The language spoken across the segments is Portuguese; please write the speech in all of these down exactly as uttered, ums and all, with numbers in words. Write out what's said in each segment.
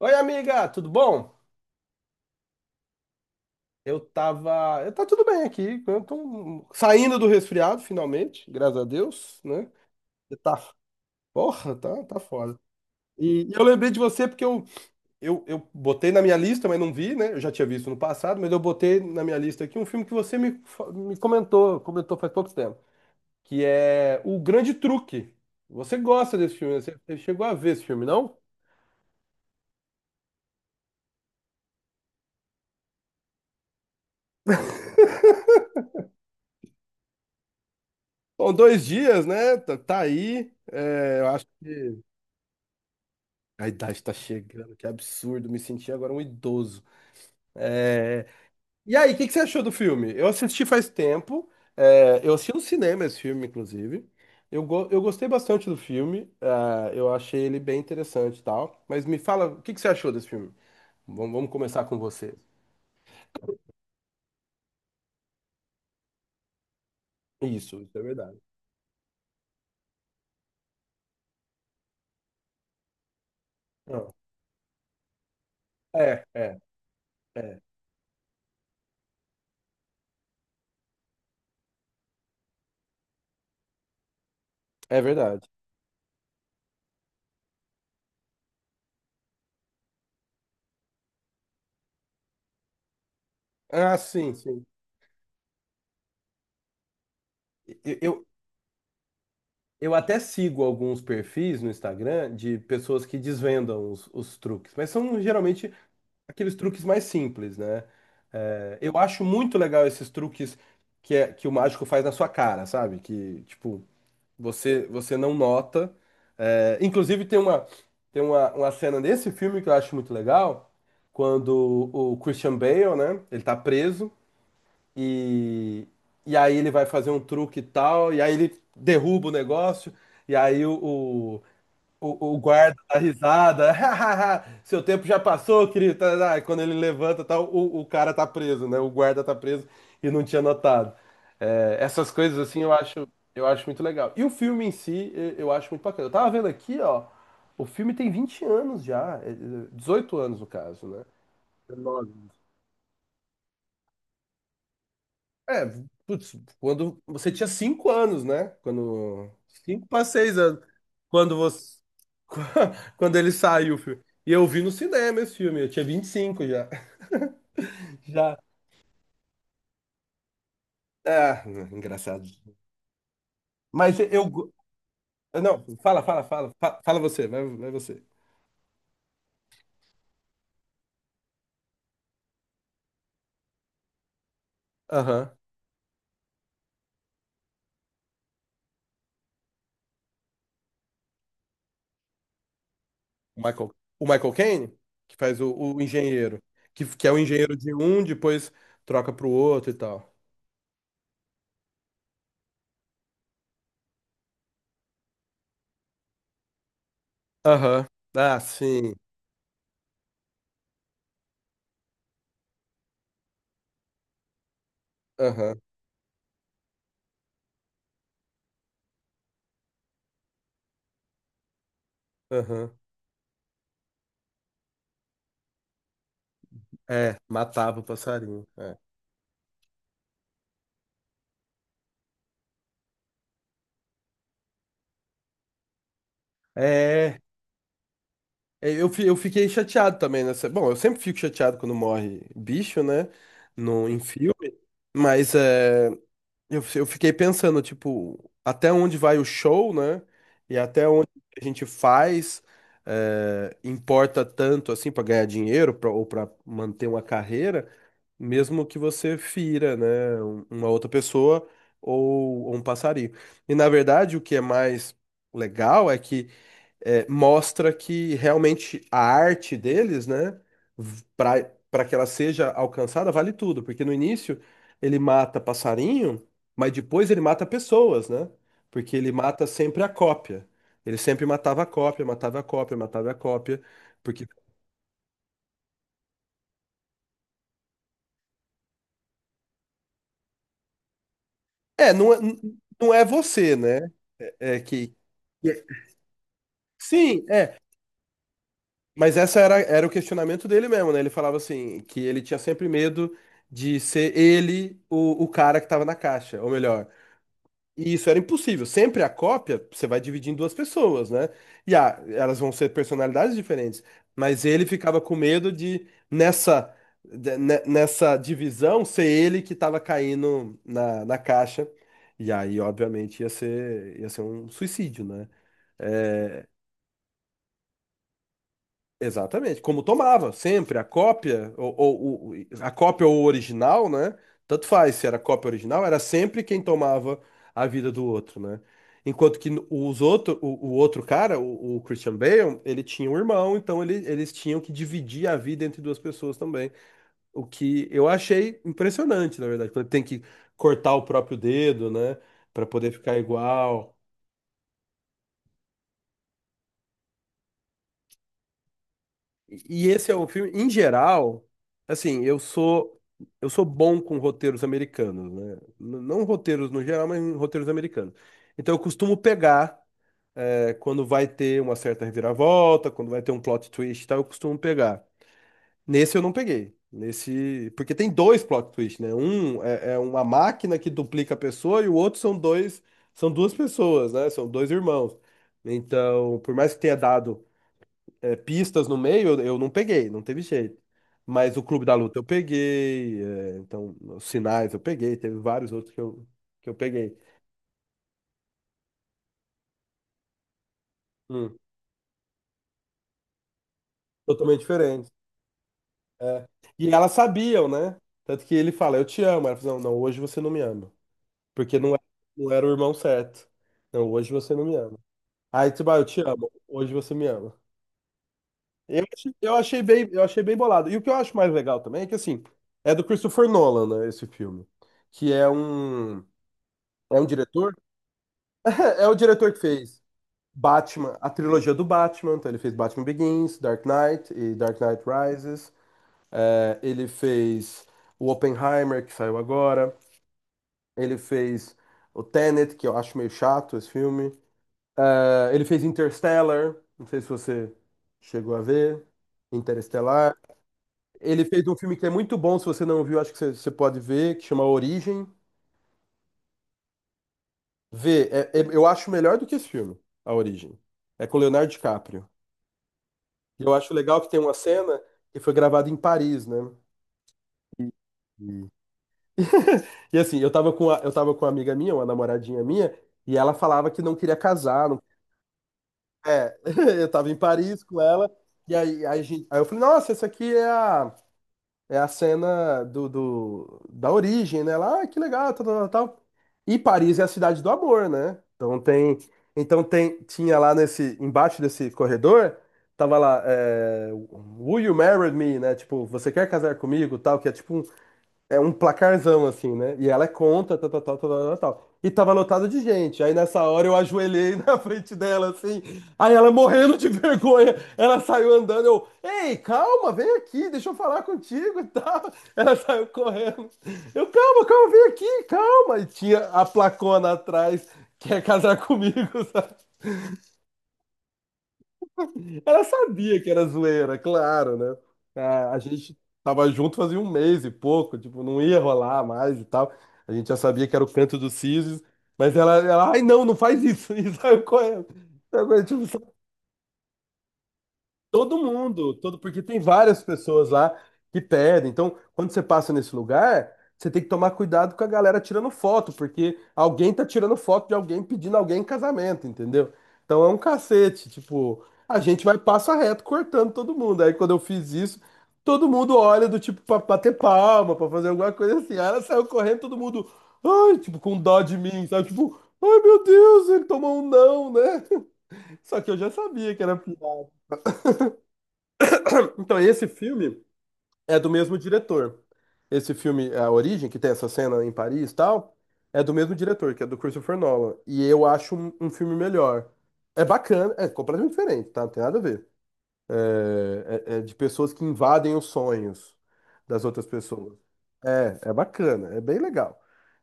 Oi, amiga, tudo bom? Eu tava. Eu tá tudo bem aqui. Eu tô um, saindo do resfriado, finalmente, graças a Deus, né? Você tá. Porra, tá, tá foda. E eu lembrei de você porque eu, eu, eu botei na minha lista, mas não vi, né? Eu já tinha visto no passado, mas eu botei na minha lista aqui um filme que você me, fa- me comentou, comentou faz pouco tempo, que é O Grande Truque. Você gosta desse filme, né? Você você chegou a ver esse filme, não? Bom, dois dias, né? Tá, tá aí. É, eu acho. A idade tá chegando, que absurdo, me senti agora um idoso. É. E aí, o que que você achou do filme? Eu assisti faz tempo, é, eu assisti no cinema esse filme, inclusive. Eu, go- eu gostei bastante do filme, ah, eu achei ele bem interessante e tal. Mas me fala, o que que você achou desse filme? Vamos, vamos começar com você. Isso, isso é verdade. Ah, É, é, é, é verdade. Ah, sim, sim. Eu, eu, eu até sigo alguns perfis no Instagram de pessoas que desvendam os, os truques, mas são geralmente aqueles truques mais simples, né? É, eu acho muito legal esses truques que, é, que o mágico faz na sua cara, sabe? Que, tipo, você, você não nota. É, inclusive, tem uma, tem uma, uma cena desse filme que eu acho muito legal, quando o Christian Bale, né? Ele tá preso e, e aí ele vai fazer um truque e tal, e aí ele derruba o negócio, e aí o, o, o guarda dá risada. Seu tempo já passou, querido. Tá, tá. Aí Quando ele levanta, tá, o, o cara tá preso, né? O guarda tá preso e não tinha notado. É, essas coisas assim eu acho, eu acho muito legal. E o filme em si, eu, eu acho muito bacana. Eu tava vendo aqui, ó. O filme tem vinte anos já, é, é, dezoito anos no caso, né? dezenove. É, putz, quando você tinha cinco anos, né? Quando cinco para seis anos, quando você quando ele saiu, filho. E eu vi no cinema esse filme, eu tinha vinte e cinco já. Já. Ah, engraçado. Mas eu go- não, fala, fala, fala, fa- fala você, vai, vai você. Aham. O Michael, o Michael Caine, que faz o, o engenheiro, que, que é o engenheiro de um, depois troca pro outro e tal. Aham. Ah, sim. Aham. Aham. É, matava o passarinho. É, é é, eu, fi- eu fiquei chateado também nessa. Bom, eu sempre fico chateado quando morre bicho, né? No, em filme. Mas é. Eu, eu fiquei pensando, tipo, até onde vai o show, né? E até onde a gente faz, eh, importa tanto assim para ganhar dinheiro pra- ou para manter uma carreira, mesmo que você fira, né? um- Uma outra pessoa ou, ou um passarinho. E na verdade, o que é mais legal é que é, mostra que realmente a arte deles, né, para para que ela seja alcançada, vale tudo, porque no início ele mata passarinho, mas depois ele mata pessoas, né? Porque ele mata sempre a cópia. Ele sempre matava a cópia, matava a cópia, matava a cópia, porque é, não é, não é você, né? É que que- Sim, é. Mas essa era, era o questionamento dele mesmo, né? Ele falava assim, que ele tinha sempre medo de ser ele o, o cara que tava na caixa, ou melhor. E isso era impossível. Sempre a cópia, você vai dividir em duas pessoas, né? E ah, elas vão ser personalidades diferentes. Mas ele ficava com medo de, nessa, de- ne- nessa divisão, ser ele que tava caindo na, na caixa. E aí, obviamente, ia ser, ia ser um suicídio, né? É, Exatamente, como tomava sempre a cópia ou, ou- ou- a cópia ou o original, né? Tanto faz se era cópia ou original, era sempre quem tomava a vida do outro, né? Enquanto que os outro, o, o outro cara, o, o Christian Bale, ele tinha um irmão, então ele- eles tinham que dividir a vida entre duas pessoas também. O que eu achei impressionante, na verdade, quando tem que cortar o próprio dedo, né? Pra poder ficar igual. E esse é um filme, em geral, assim, eu sou eu sou bom com roteiros americanos, né? N- Não roteiros no geral, mas em roteiros americanos. Então eu costumo pegar eh, quando vai ter uma certa reviravolta, quando vai ter um plot twist, e tal, eu costumo pegar. Nesse eu não peguei. Nesse, porque tem dois plot twists, né? Um é, é uma máquina que duplica a pessoa e o outro são dois, são duas pessoas, né? São dois irmãos. Então, por mais que tenha dado é, pistas no meio, eu, eu não peguei, não teve jeito. Mas o Clube da Luta eu peguei, é, então os sinais eu peguei, teve vários outros que eu, que eu peguei. Hum, totalmente diferente. É. E elas sabiam, né? Tanto que ele fala, eu te amo. Ela fala, não, não, hoje você não me ama. Porque não era, não era o irmão certo. Não, hoje você não me ama. Aí, tipo, ah, eu te amo, hoje você me ama. Eu, achei- eu achei bem, eu achei bem bolado. E o que eu acho mais legal também é que, assim, é do Christopher Nolan, né, esse filme. Que é um. É um diretor? É, o diretor que fez Batman, a trilogia do Batman. Então ele fez Batman Begins, Dark Knight e Dark Knight Rises. É, ele fez o Oppenheimer, que saiu agora. Ele fez o Tenet, que eu acho meio chato esse filme. É, ele fez Interstellar. Não sei se você chegou a ver. Interestelar. Ele fez um filme que é muito bom, se você não viu, acho que você, você pode ver, que chama Origem. Vê, é- é- eu acho melhor do que esse filme, A Origem. É com Leonardo DiCaprio. E eu acho legal que tem uma cena que foi gravada em Paris, né? E, e- e, assim, eu tava com a, eu tava com uma amiga minha, uma namoradinha minha, e ela falava que não queria casar. Não... É, eu tava em Paris com ela, e aí, aí, a gente- aí eu falei, nossa, essa aqui é a. É a cena do, do- da origem, né? Lá, ah, que legal, tal, tal, tal, tal. E Paris é a cidade do amor, né? Então tem, então tem, tinha lá nesse, embaixo desse corredor, tava lá, é, Will you marry me, né? Tipo, você quer casar comigo, tal, que é tipo um, é um placarzão, assim, né? E ela é contra, tal, tal, tal, tal, tal, tal. E tava lotado de gente. Aí nessa hora eu ajoelhei na frente dela, assim. Aí ela morrendo de vergonha. Ela saiu andando. Eu, ei, calma, vem aqui, deixa eu falar contigo e tal. Ela saiu correndo. Eu, calma, calma, vem aqui, calma. E tinha a placona atrás, quer casar comigo, sabe? Ela sabia que era zoeira, claro, né? A, a gente tava junto fazia um mês e pouco, tipo, não ia rolar mais e tal. A gente já sabia que era o canto do Sisos, mas ela, ela, ai, não, não faz isso. E saiu correndo. Sabe, Tipo, Todo mundo, todo, porque tem várias pessoas lá que pedem. Então, quando você passa nesse lugar, você tem que tomar cuidado com a galera tirando foto, porque alguém tá tirando foto de alguém pedindo alguém em casamento, entendeu? Então é um cacete, tipo, a gente vai passo a reto cortando todo mundo. Aí quando eu fiz isso, todo mundo olha do tipo pra bater palma, pra fazer alguma coisa assim. Aí ela saiu correndo, todo mundo, ai, tipo, com dó de mim, sabe? Tipo, ai meu Deus, ele tomou um não, né? Só que eu já sabia que era pior. Então, esse filme É do mesmo diretor. Esse filme, A Origem, que tem essa cena em Paris e tal, é do mesmo diretor, que é do Christopher Nolan. E eu acho um, um filme melhor. É bacana, é completamente diferente, tá? Não tem nada a ver. É, é- é de pessoas que invadem os sonhos das outras pessoas. É, é bacana, é bem legal.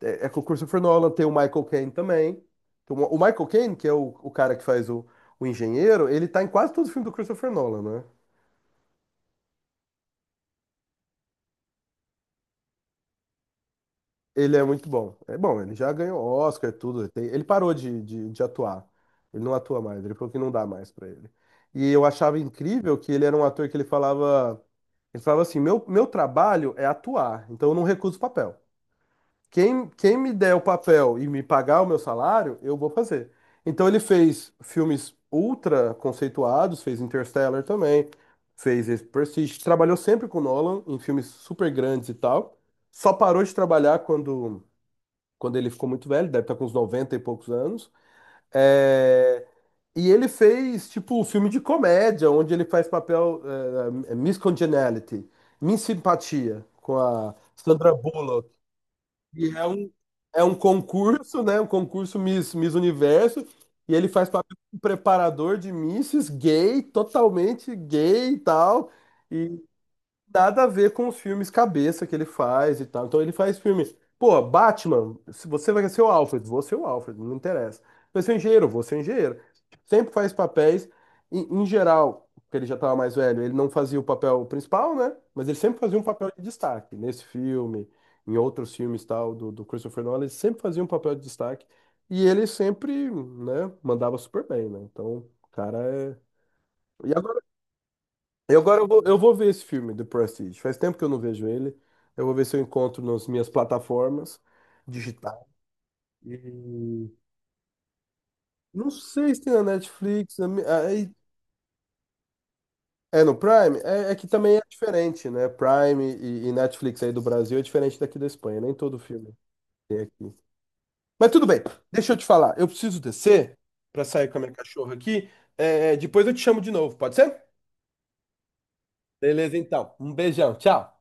É, é com o Christopher Nolan, tem o Michael Caine também. Tem O o Michael Caine, que é o, o cara que faz o, o engenheiro, ele tá em quase todo o filme do Christopher Nolan, né? Ele é muito bom. É bom, ele já ganhou Oscar, tudo. Ele, tem- ele parou de, de, de atuar. Ele não atua mais, ele falou que não dá mais pra ele. E eu achava incrível que ele era um ator que ele falava, ele falava assim, meu, meu trabalho é atuar, então eu não recuso papel. Quem, quem me der o papel e me pagar o meu salário, eu vou fazer. Então ele fez filmes ultra conceituados, fez Interstellar também, fez esse Prestige, trabalhou sempre com Nolan em filmes super grandes e tal. Só parou de trabalhar quando quando ele ficou muito velho, deve estar com uns noventa e poucos anos. É, E ele fez, tipo, um filme de comédia, onde ele faz papel é, Miss Congeniality, Miss Simpatia, com a Sandra Bullock. E é um, é um concurso, né? Um concurso Miss, Miss Universo. E ele faz papel de um preparador de misses, gay, totalmente gay e tal. Nada a ver com os filmes cabeça que ele faz e tal. Então ele faz filmes. Pô, Batman, se você vai ser o Alfred, vou ser o Alfred, não interessa. Vai ser o engenheiro, vou ser o engenheiro. Sempre faz papéis, em, em geral, porque ele já estava mais velho, ele não fazia o papel principal, né? Mas ele sempre fazia um papel de destaque. Nesse filme, em outros filmes tal, do, do Christopher Nolan, ele sempre fazia um papel de destaque. E ele sempre, né, mandava super bem, né? Então, o cara é. E agora e agora eu vou, eu vou ver esse filme, The Prestige. Faz tempo que eu não vejo ele. Eu vou ver se eu encontro nas minhas plataformas digitais. E não sei se tem na Netflix. na mi- aí- É no Prime? É, é que também é diferente, né? Prime e, e Netflix aí do Brasil é diferente daqui da Espanha. Nem todo filme tem aqui. Mas tudo bem, deixa eu te falar. Eu preciso descer para sair com a minha cachorra aqui. É, depois eu te chamo de novo, pode ser? Beleza, então. Um beijão, tchau.